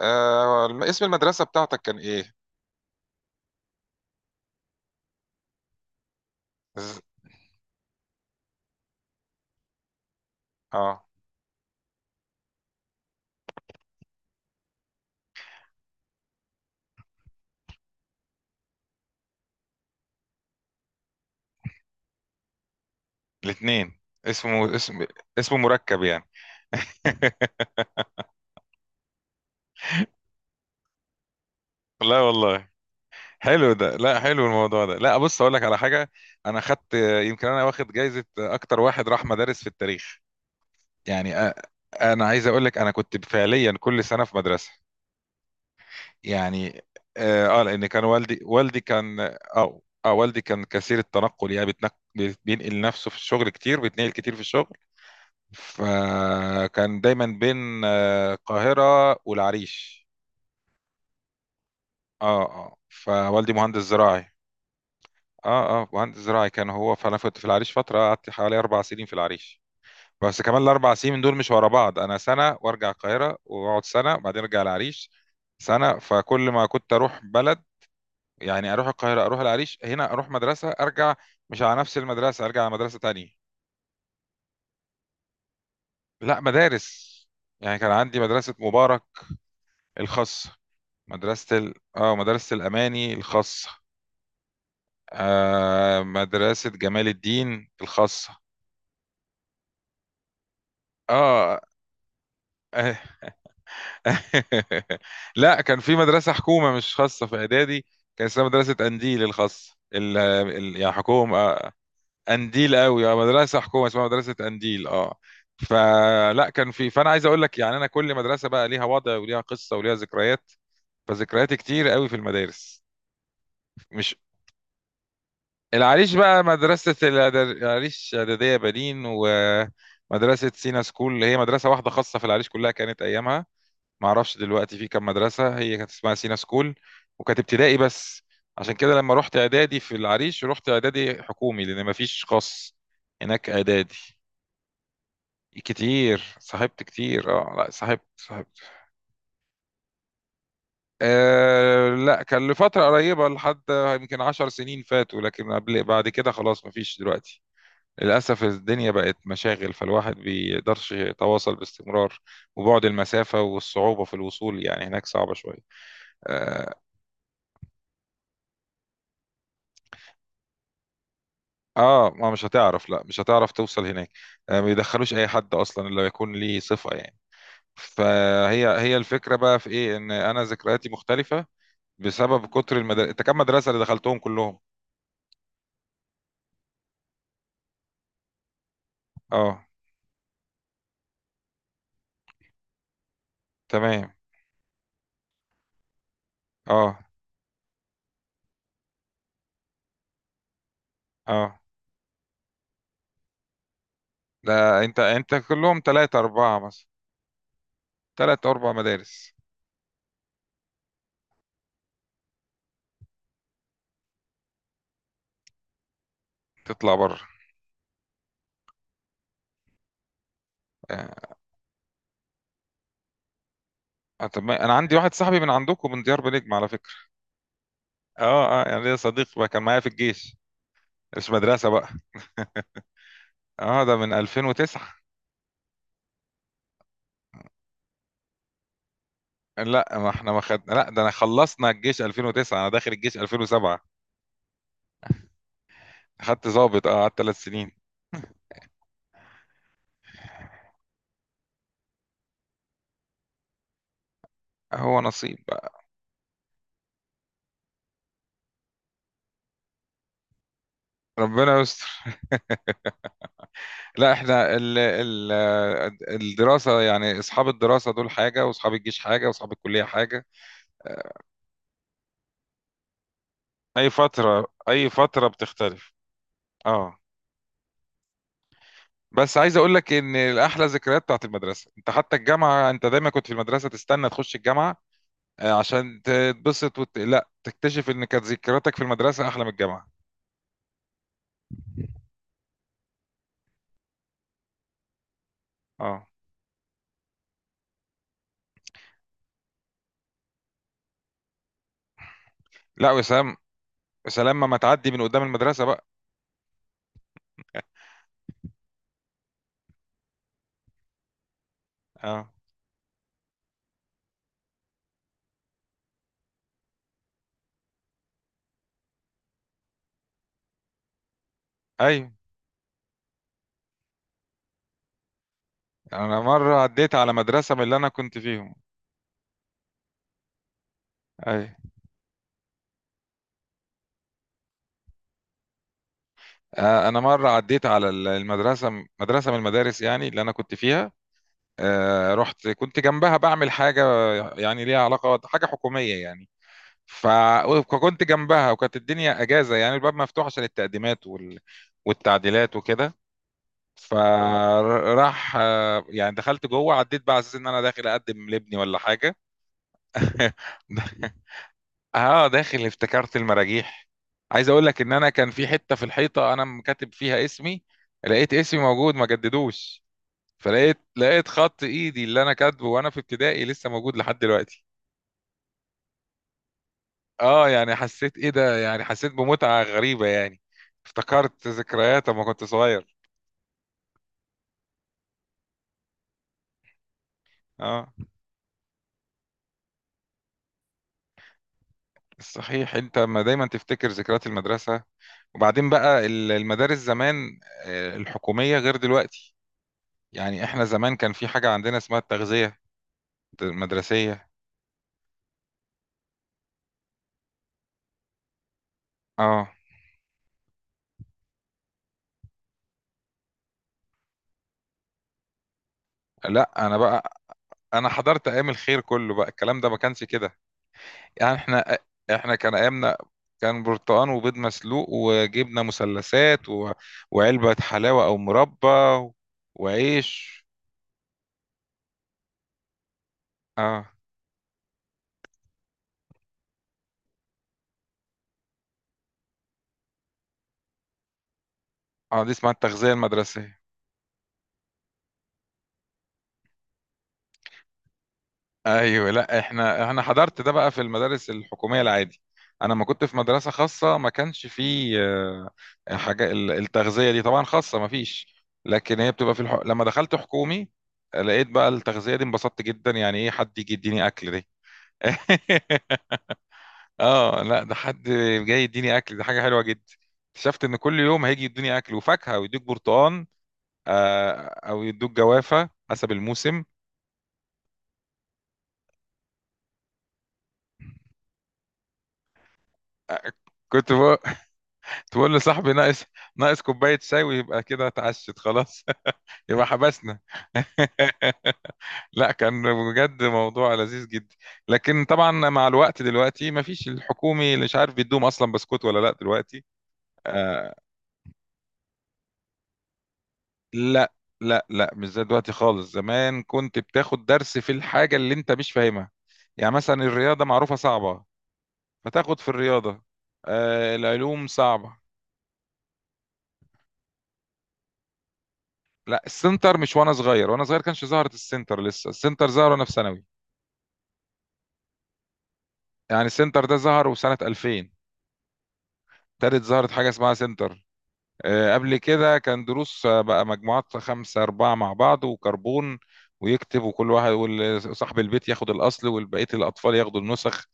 اسم المدرسة بتاعتك كان ايه؟ ز- اه. الاثنين اسمه اسم، اسمه مركب يعني. لا والله، حلو ده. لا، حلو الموضوع ده. لا، بص اقول لك على حاجة. انا خدت يمكن انا واخد جايزة اكتر واحد راح مدارس في التاريخ، يعني انا عايز اقول لك انا كنت فعليا كل سنة في مدرسة يعني. لان كان والدي كان، اه والدي كان كثير التنقل يعني بينقل نفسه في الشغل كتير، بيتنقل كتير في الشغل. فكان دايما بين القاهرة والعريش. اه اه. فوالدي مهندس زراعي، اه اه، مهندس زراعي كان هو. فانا كنت في العريش فترة، قعدت حوالي 4 سنين في العريش. بس كمان ال4 سنين دول مش ورا بعض. انا سنة وارجع القاهرة، واقعد سنة وبعدين ارجع العريش سنة. فكل ما كنت اروح بلد، يعني اروح القاهرة اروح العريش، هنا اروح مدرسة ارجع مش على نفس المدرسة، ارجع على مدرسة تانية. لا، مدارس، يعني كان عندي مدرسة مبارك الخاص. مدرسة ال... اه مدرسة الأماني الخاصة. آه، مدرسة جمال الدين الخاصة. اه. لا، كان في مدرسة حكومة مش خاصة في إعدادي، كان اسمها مدرسة أنديل الخاصة، يعني حكومة. أنديل قوي، اه، مدرسة حكومة اسمها مدرسة أنديل، اه. فلا، كان في، فأنا عايز أقول لك يعني أنا كل مدرسة بقى ليها وضع وليها قصة وليها ذكريات، فذكرياتي كتير قوي في المدارس. مش، العريش بقى العريش إعدادية بنين ومدرسة سينا سكول، اللي هي مدرسة واحدة خاصة في العريش كلها كانت أيامها. معرفش دلوقتي في كام مدرسة، هي كانت اسمها سينا سكول وكانت ابتدائي بس. عشان كده لما رحت إعدادي في العريش، رحت إعدادي حكومي لأن مفيش خاص هناك إعدادي. كتير، صاحبت كتير، اه، لا صاحبت، صاحبت. آه لا، كان لفترة قريبة، لحد يمكن 10 سنين فاتوا، لكن قبل، بعد كده خلاص مفيش دلوقتي. للأسف الدنيا بقت مشاغل، فالواحد بيقدرش يتواصل باستمرار. وبعد المسافة والصعوبة في الوصول، يعني هناك صعبة شوية. آه, آه ما مش هتعرف، لا مش هتعرف توصل هناك. آه، ما بيدخلوش أي حد أصلا إلا يكون ليه صفة، يعني. فهي، هي الفكرة بقى في إيه، إن أنا ذكرياتي مختلفة بسبب كتر المدارس. أنت كم مدرسة اللي دخلتهم كلهم؟ آه. تمام. آه. آه. لا أنت، أنت ثلاثة أربعة مثلا، ثلاثة أربع مدارس. تطلع بره. آه طب، ما انا عندي واحد صاحبي من عندكم، من ديار بنجم، على فكره. اه اه، يعني ليا صديق بقى كان معايا في الجيش، مش مدرسه بقى. اه، ده من 2009. لا، ما احنا ما خد، لا، ده انا خلصنا الجيش 2009، انا داخل الجيش 2007. خدت ضابط، اه، قعدت 3 سنين. هو نصيب بقى. ربنا يستر. لا احنا ال ال الدراسة، يعني اصحاب الدراسة دول حاجة، واصحاب الجيش حاجة، واصحاب الكلية حاجة. آه، اي فترة، اي فترة بتختلف، اه. بس عايز اقول لك ان الاحلى ذكريات بتاعت المدرسه. انت حتى الجامعه انت دايما كنت في المدرسه تستنى تخش الجامعه، عشان تتبسط لا، تكتشف ان كانت ذكرياتك في المدرسه احلى من الجامعه، اه. لا وسلام. سلام ما تعدي من قدام المدرسه بقى. اه ايوه، انا مره عديت على مدرسه من اللي انا كنت فيهم. ايوه. انا مره عديت على المدرسه، مدرسه من المدارس يعني اللي انا كنت فيها. رحت، كنت جنبها بعمل حاجه، يعني ليها علاقه حاجه حكوميه يعني. ف- وكنت جنبها وكانت الدنيا اجازه، يعني الباب مفتوح عشان والتعديلات وكده، اه. فراح يعني دخلت جوه، عديت بقى على اساس ان انا داخل اقدم لابني ولا حاجه. اه، داخل افتكرت المراجيح. عايز اقول لك ان انا كان في حته في الحيطه انا مكاتب فيها اسمي، لقيت اسمي موجود ما جددوش. فلقيت خط ايدي اللي انا كاتبه وانا في ابتدائي، لسه موجود لحد دلوقتي. اه يعني حسيت، ايه ده، يعني حسيت بمتعة غريبة يعني، افتكرت ذكريات لما كنت صغير، اه. صحيح انت ما دايما تفتكر ذكريات المدرسة. وبعدين بقى المدارس زمان، الحكومية، غير دلوقتي. يعني احنا زمان كان في حاجة عندنا اسمها التغذية المدرسية، اه. لا انا بقى، انا حضرت ايام الخير كله بقى، الكلام ده ما كانش كده. يعني احنا، احنا كان ايامنا كان برتقان وبيض مسلوق وجبنه مثلثات وعلبه حلاوه او مربى وعيش، اه اه. دي اسمها التغذيه المدرسيه. ايوه، لا احنا، احنا حضرت ده بقى في المدارس الحكوميه العادي. انا ما كنت في مدرسه خاصه، ما كانش فيه، حاجه التغذيه دي طبعا، خاصه ما فيش، لكن هي بتبقى في لما دخلت حكومي، لقيت بقى التغذيه دي، انبسطت جدا، يعني ايه حد يجي يديني اكل دي. اه، لا ده حد جاي يديني اكل، ده حاجه حلوه جدا. اكتشفت ان كل يوم هيجي يديني اكل وفاكهه، ويدوك برتقان آه، او يدوك جوافه حسب الموسم. آه، كنت بقول، كنت بقول لصاحبي ناقص، ناقص كوبايه شاي ويبقى كده اتعشت خلاص. يبقى حبسنا. لا كان بجد موضوع لذيذ جدا، لكن طبعا مع الوقت دلوقتي ما فيش الحكومي، اللي مش عارف بيدوم اصلا بسكوت ولا لا دلوقتي. آه، لا لا لا، مش زي دلوقتي خالص. زمان كنت بتاخد درس في الحاجة اللي انت مش فاهمها، يعني مثلا الرياضة معروفة صعبة، فتاخد في الرياضة. آه العلوم صعبة. لا، السنتر مش، وانا صغير، وانا صغير كانش ظهرت السنتر، لسه السنتر ظهر وانا في ثانوي. يعني السنتر ده ظهر وسنة 2000 ابتدت ظهرت حاجة اسمها سنتر. قبل كده كان دروس، بقى مجموعات خمسة أربعة مع بعض وكربون، ويكتب، وكل واحد، وصاحب البيت ياخد الأصل والبقية الأطفال ياخدوا النسخ،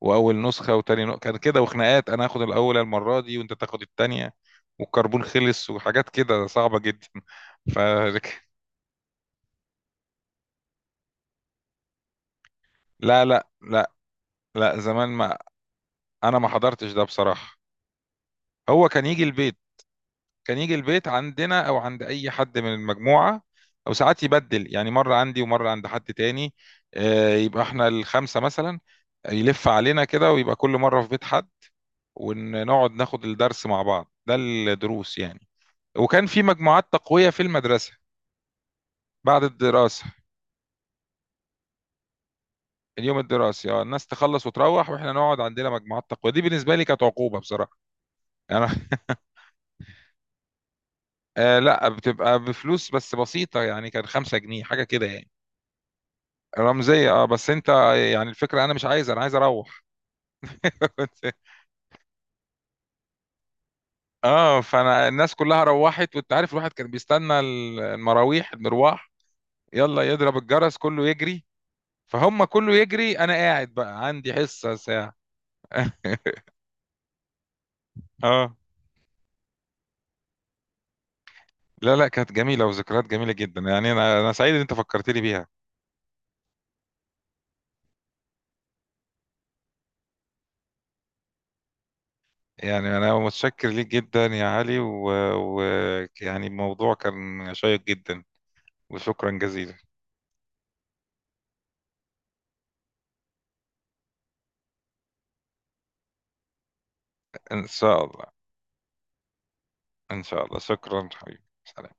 وأول نسخة وتاني نسخة، كان كده. وخناقات أنا آخد الأولى المرة دي وأنت تاخد التانية، والكربون خلص، وحاجات كده صعبة جدا. ف لا لا لا لا زمان ما، أنا ما حضرتش ده بصراحة. هو كان يجي البيت، كان يجي البيت عندنا او عند اي حد من المجموعه، او ساعات يبدل، يعني مره عندي ومره عند حد تاني. يبقى احنا الخمسه مثلا يلف علينا كده، ويبقى كل مره في بيت حد، ونقعد ناخد الدرس مع بعض. ده الدروس يعني. وكان في مجموعات تقويه في المدرسه بعد الدراسه، اليوم الدراسي. اه الناس تخلص وتروح، واحنا نقعد عندنا مجموعات تقويه. دي بالنسبه لي كانت عقوبه بصراحه، يعني انا. آه لا، بتبقى بفلوس بس بسيطه، يعني كان 5 جنيه حاجه كده يعني. رمزية، اه بس انت، يعني الفكرة انا مش عايز، انا عايز اروح. اه فانا الناس كلها روحت، وانت عارف الواحد كان بيستنى المراويح، المروح، يلا يضرب الجرس كله يجري، فهم كله يجري، انا قاعد بقى عندي حصة ساعة. اه لا لا، كانت جميلة وذكريات جميلة جدا، يعني أنا سعيد إن أنت فكرتني بيها. يعني أنا متشكر ليك جدا يا علي، يعني الموضوع كان شيق جدا، وشكرا جزيلا. إن شاء الله. إن شاء الله، شكرا حبيبي، سلام.